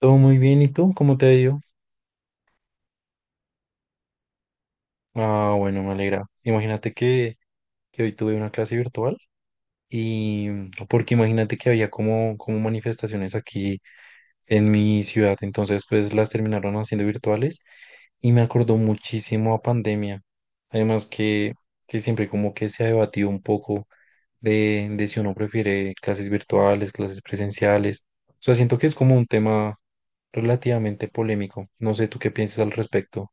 Todo muy bien, ¿y tú? ¿Cómo te ha ido? Ah, bueno, me alegra. Imagínate que hoy tuve una clase virtual y porque imagínate que había como manifestaciones aquí en mi ciudad, entonces pues las terminaron haciendo virtuales y me acordó muchísimo a pandemia. Además que siempre como que se ha debatido un poco de si uno prefiere clases virtuales, clases presenciales. O sea, siento que es como un tema relativamente polémico. No sé tú qué piensas al respecto.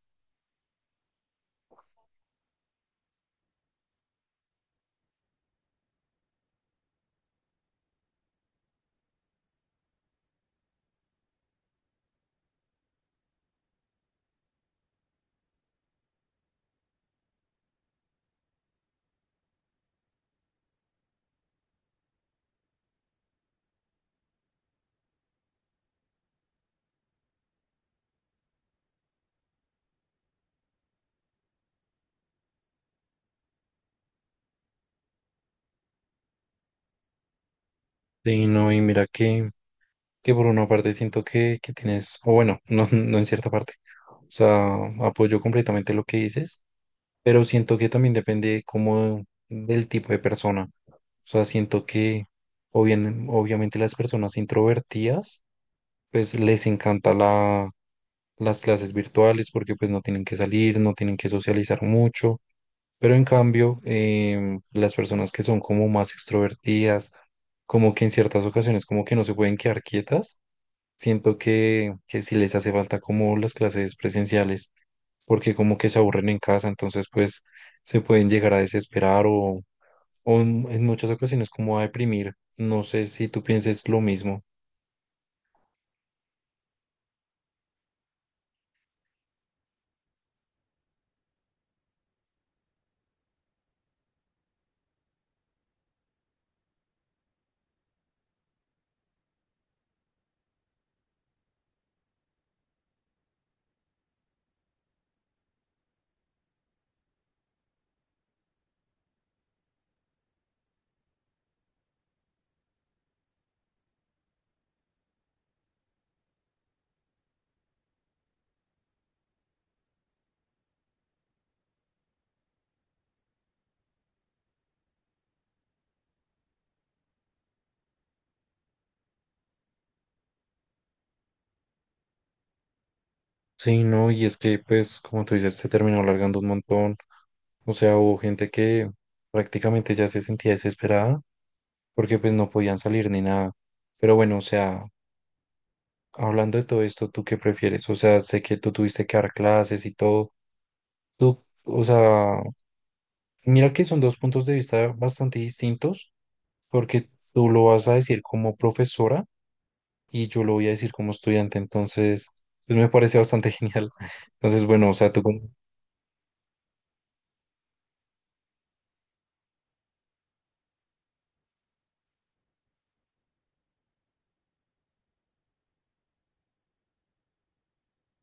Sí, no, y mira que por una parte siento que tienes, o bueno, no, no en cierta parte, o sea, apoyo completamente lo que dices, pero siento que también depende como del tipo de persona, o sea, siento que obviamente las personas introvertidas, pues les encanta las clases virtuales porque pues no tienen que salir, no tienen que socializar mucho, pero en cambio, las personas que son como más extrovertidas, como que en ciertas ocasiones como que no se pueden quedar quietas, siento que sí les hace falta como las clases presenciales, porque como que se aburren en casa, entonces pues se pueden llegar a desesperar o en muchas ocasiones como a deprimir. No sé si tú pienses lo mismo. Sí, no, y es que pues como tú dices, se terminó alargando un montón. O sea, hubo gente que prácticamente ya se sentía desesperada porque pues no podían salir ni nada. Pero bueno, o sea, hablando de todo esto, ¿tú qué prefieres? O sea, sé que tú tuviste que dar clases y todo. Tú, o sea, mira que son dos puntos de vista bastante distintos, porque tú lo vas a decir como profesora y yo lo voy a decir como estudiante, entonces, pues me parece bastante genial. Entonces, bueno, o sea, tú como...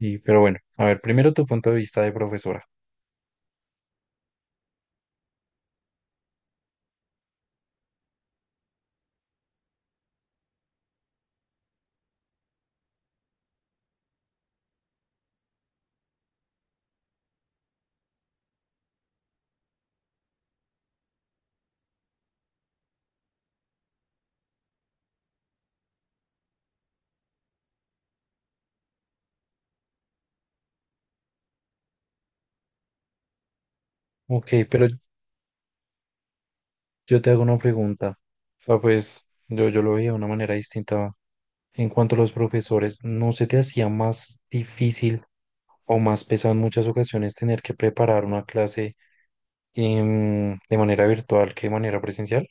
Y, pero bueno, a ver, primero tu punto de vista de profesora. Ok, pero yo te hago una pregunta. Ah, pues yo lo veía de una manera distinta en cuanto a los profesores. ¿No se te hacía más difícil o más pesado en muchas ocasiones tener que preparar una clase de manera virtual que de manera presencial?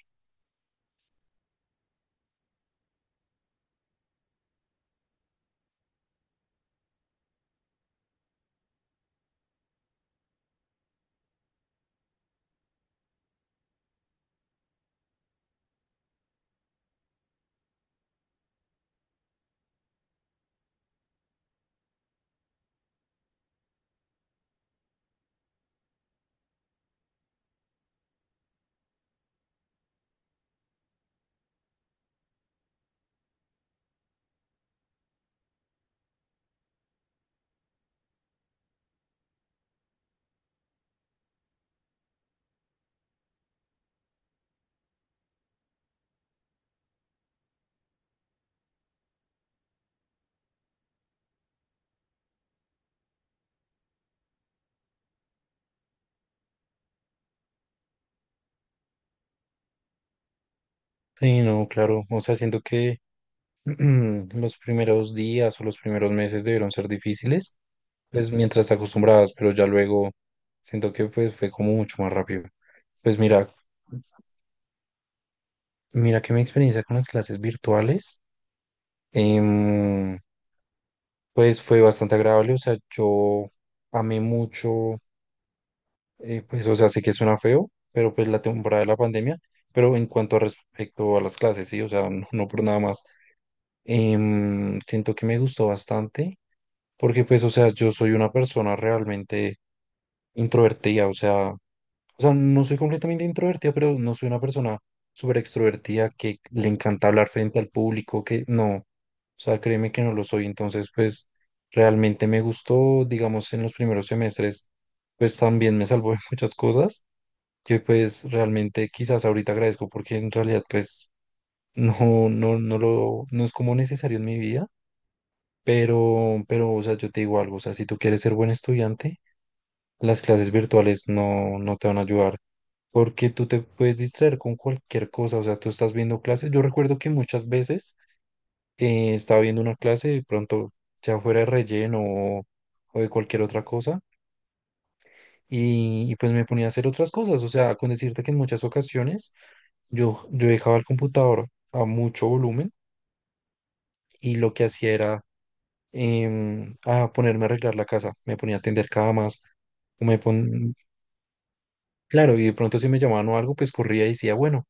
Sí, no, claro. O sea, siento que los primeros días o los primeros meses debieron ser difíciles, pues mientras te acostumbrabas, pero ya luego siento que pues fue como mucho más rápido. Pues mira. Mira que mi experiencia con las clases virtuales, em, pues fue bastante agradable, o sea, yo amé mucho, pues, o sea, sé que suena feo, pero pues la temporada de la pandemia, pero en cuanto a respecto a las clases, sí, o sea, no, no por nada más, siento que me gustó bastante, porque pues, o sea, yo soy una persona realmente introvertida, o sea, o sea, no soy completamente introvertida, pero no soy una persona súper extrovertida que le encanta hablar frente al público, que no. O sea, créeme que no lo soy. Entonces, pues realmente me gustó, digamos, en los primeros semestres, pues también me salvó de muchas cosas que pues realmente quizás ahorita agradezco porque en realidad pues no es como necesario en mi vida. Pero, o sea, yo te digo algo, o sea, si tú quieres ser buen estudiante, las clases virtuales no te van a ayudar porque tú te puedes distraer con cualquier cosa, o sea, tú estás viendo clases, yo recuerdo que muchas veces estaba viendo una clase de pronto ya fuera de relleno o de cualquier otra cosa y pues me ponía a hacer otras cosas, o sea, con decirte que en muchas ocasiones yo dejaba el computador a mucho volumen y lo que hacía era em, a ponerme a arreglar la casa, me ponía a tender camas, o me pon... claro, y de pronto si me llamaban o algo, pues corría y decía, bueno,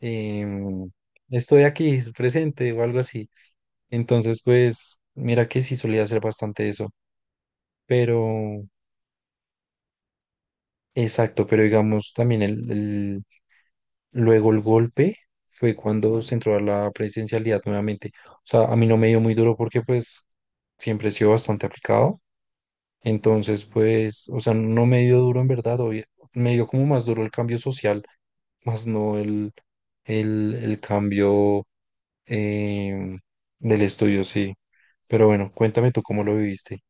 em, estoy aquí, presente o algo así. Entonces, pues, mira que sí solía hacer bastante eso, pero, exacto, pero digamos también luego el golpe fue cuando se entró a la presencialidad nuevamente. O sea, a mí no me dio muy duro porque pues siempre he sido bastante aplicado. Entonces, pues, o sea, no me dio duro en verdad, me dio como más duro el cambio social, más no el cambio. eh, del estudio, sí. Pero bueno, cuéntame tú cómo lo viviste.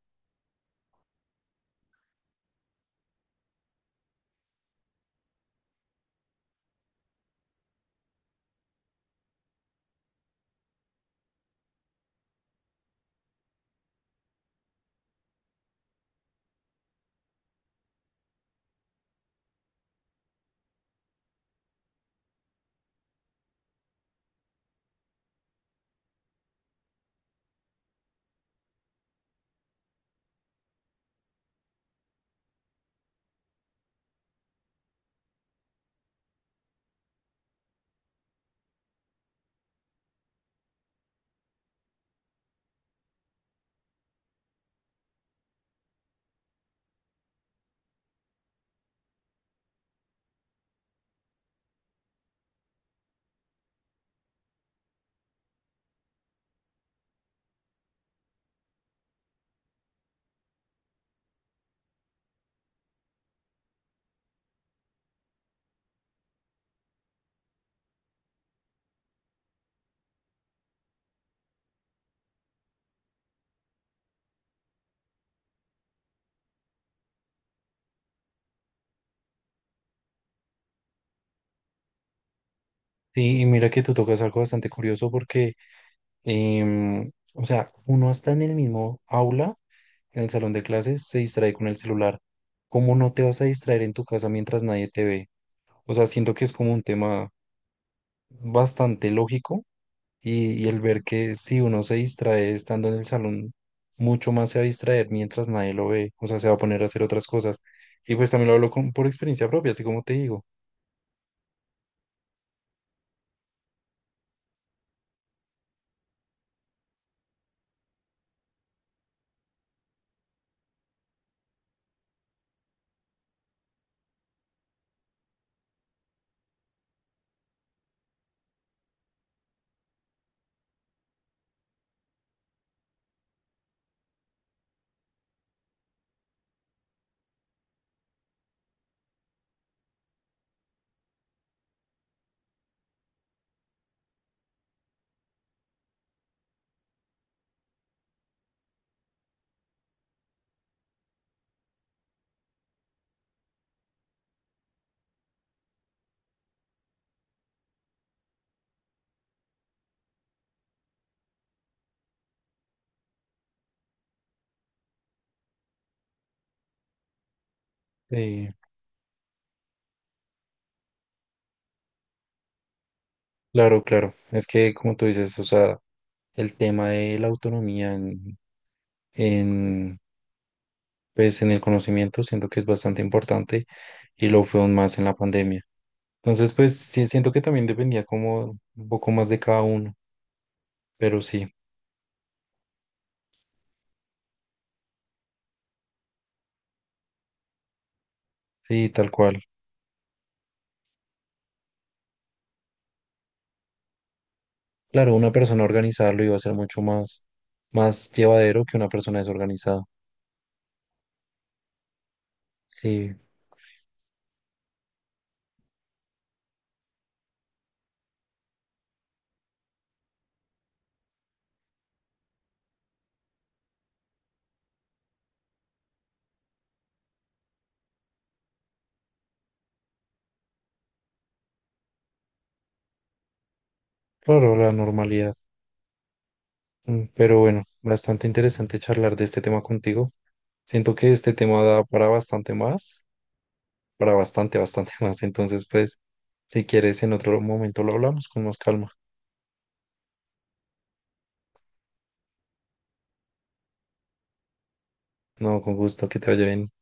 Sí, y mira que tú tocas algo bastante curioso porque, o sea, uno está en el mismo aula, en el salón de clases, se distrae con el celular. ¿Cómo no te vas a distraer en tu casa mientras nadie te ve? O sea, siento que es como un tema bastante lógico. Y el ver que si uno se distrae estando en el salón, mucho más se va a distraer mientras nadie lo ve, o sea, se va a poner a hacer otras cosas. Y pues también lo hablo con, por experiencia propia, así como te digo. Eh, claro, claro, es que como tú dices, o sea, el tema de la autonomía en, pues, en el conocimiento siento que es bastante importante y lo fue aún más en la pandemia. Entonces, pues sí, siento que también dependía como un poco más de cada uno, pero sí, sí, tal cual. Claro, una persona organizada lo iba a hacer más llevadero que una persona desorganizada. Sí, claro, la normalidad. Mm, pero bueno, bastante interesante charlar de este tema contigo. Siento que este tema da para bastante más, para bastante más. Entonces, pues, si quieres, en otro momento lo hablamos con más calma. No, con gusto, que te vaya bien.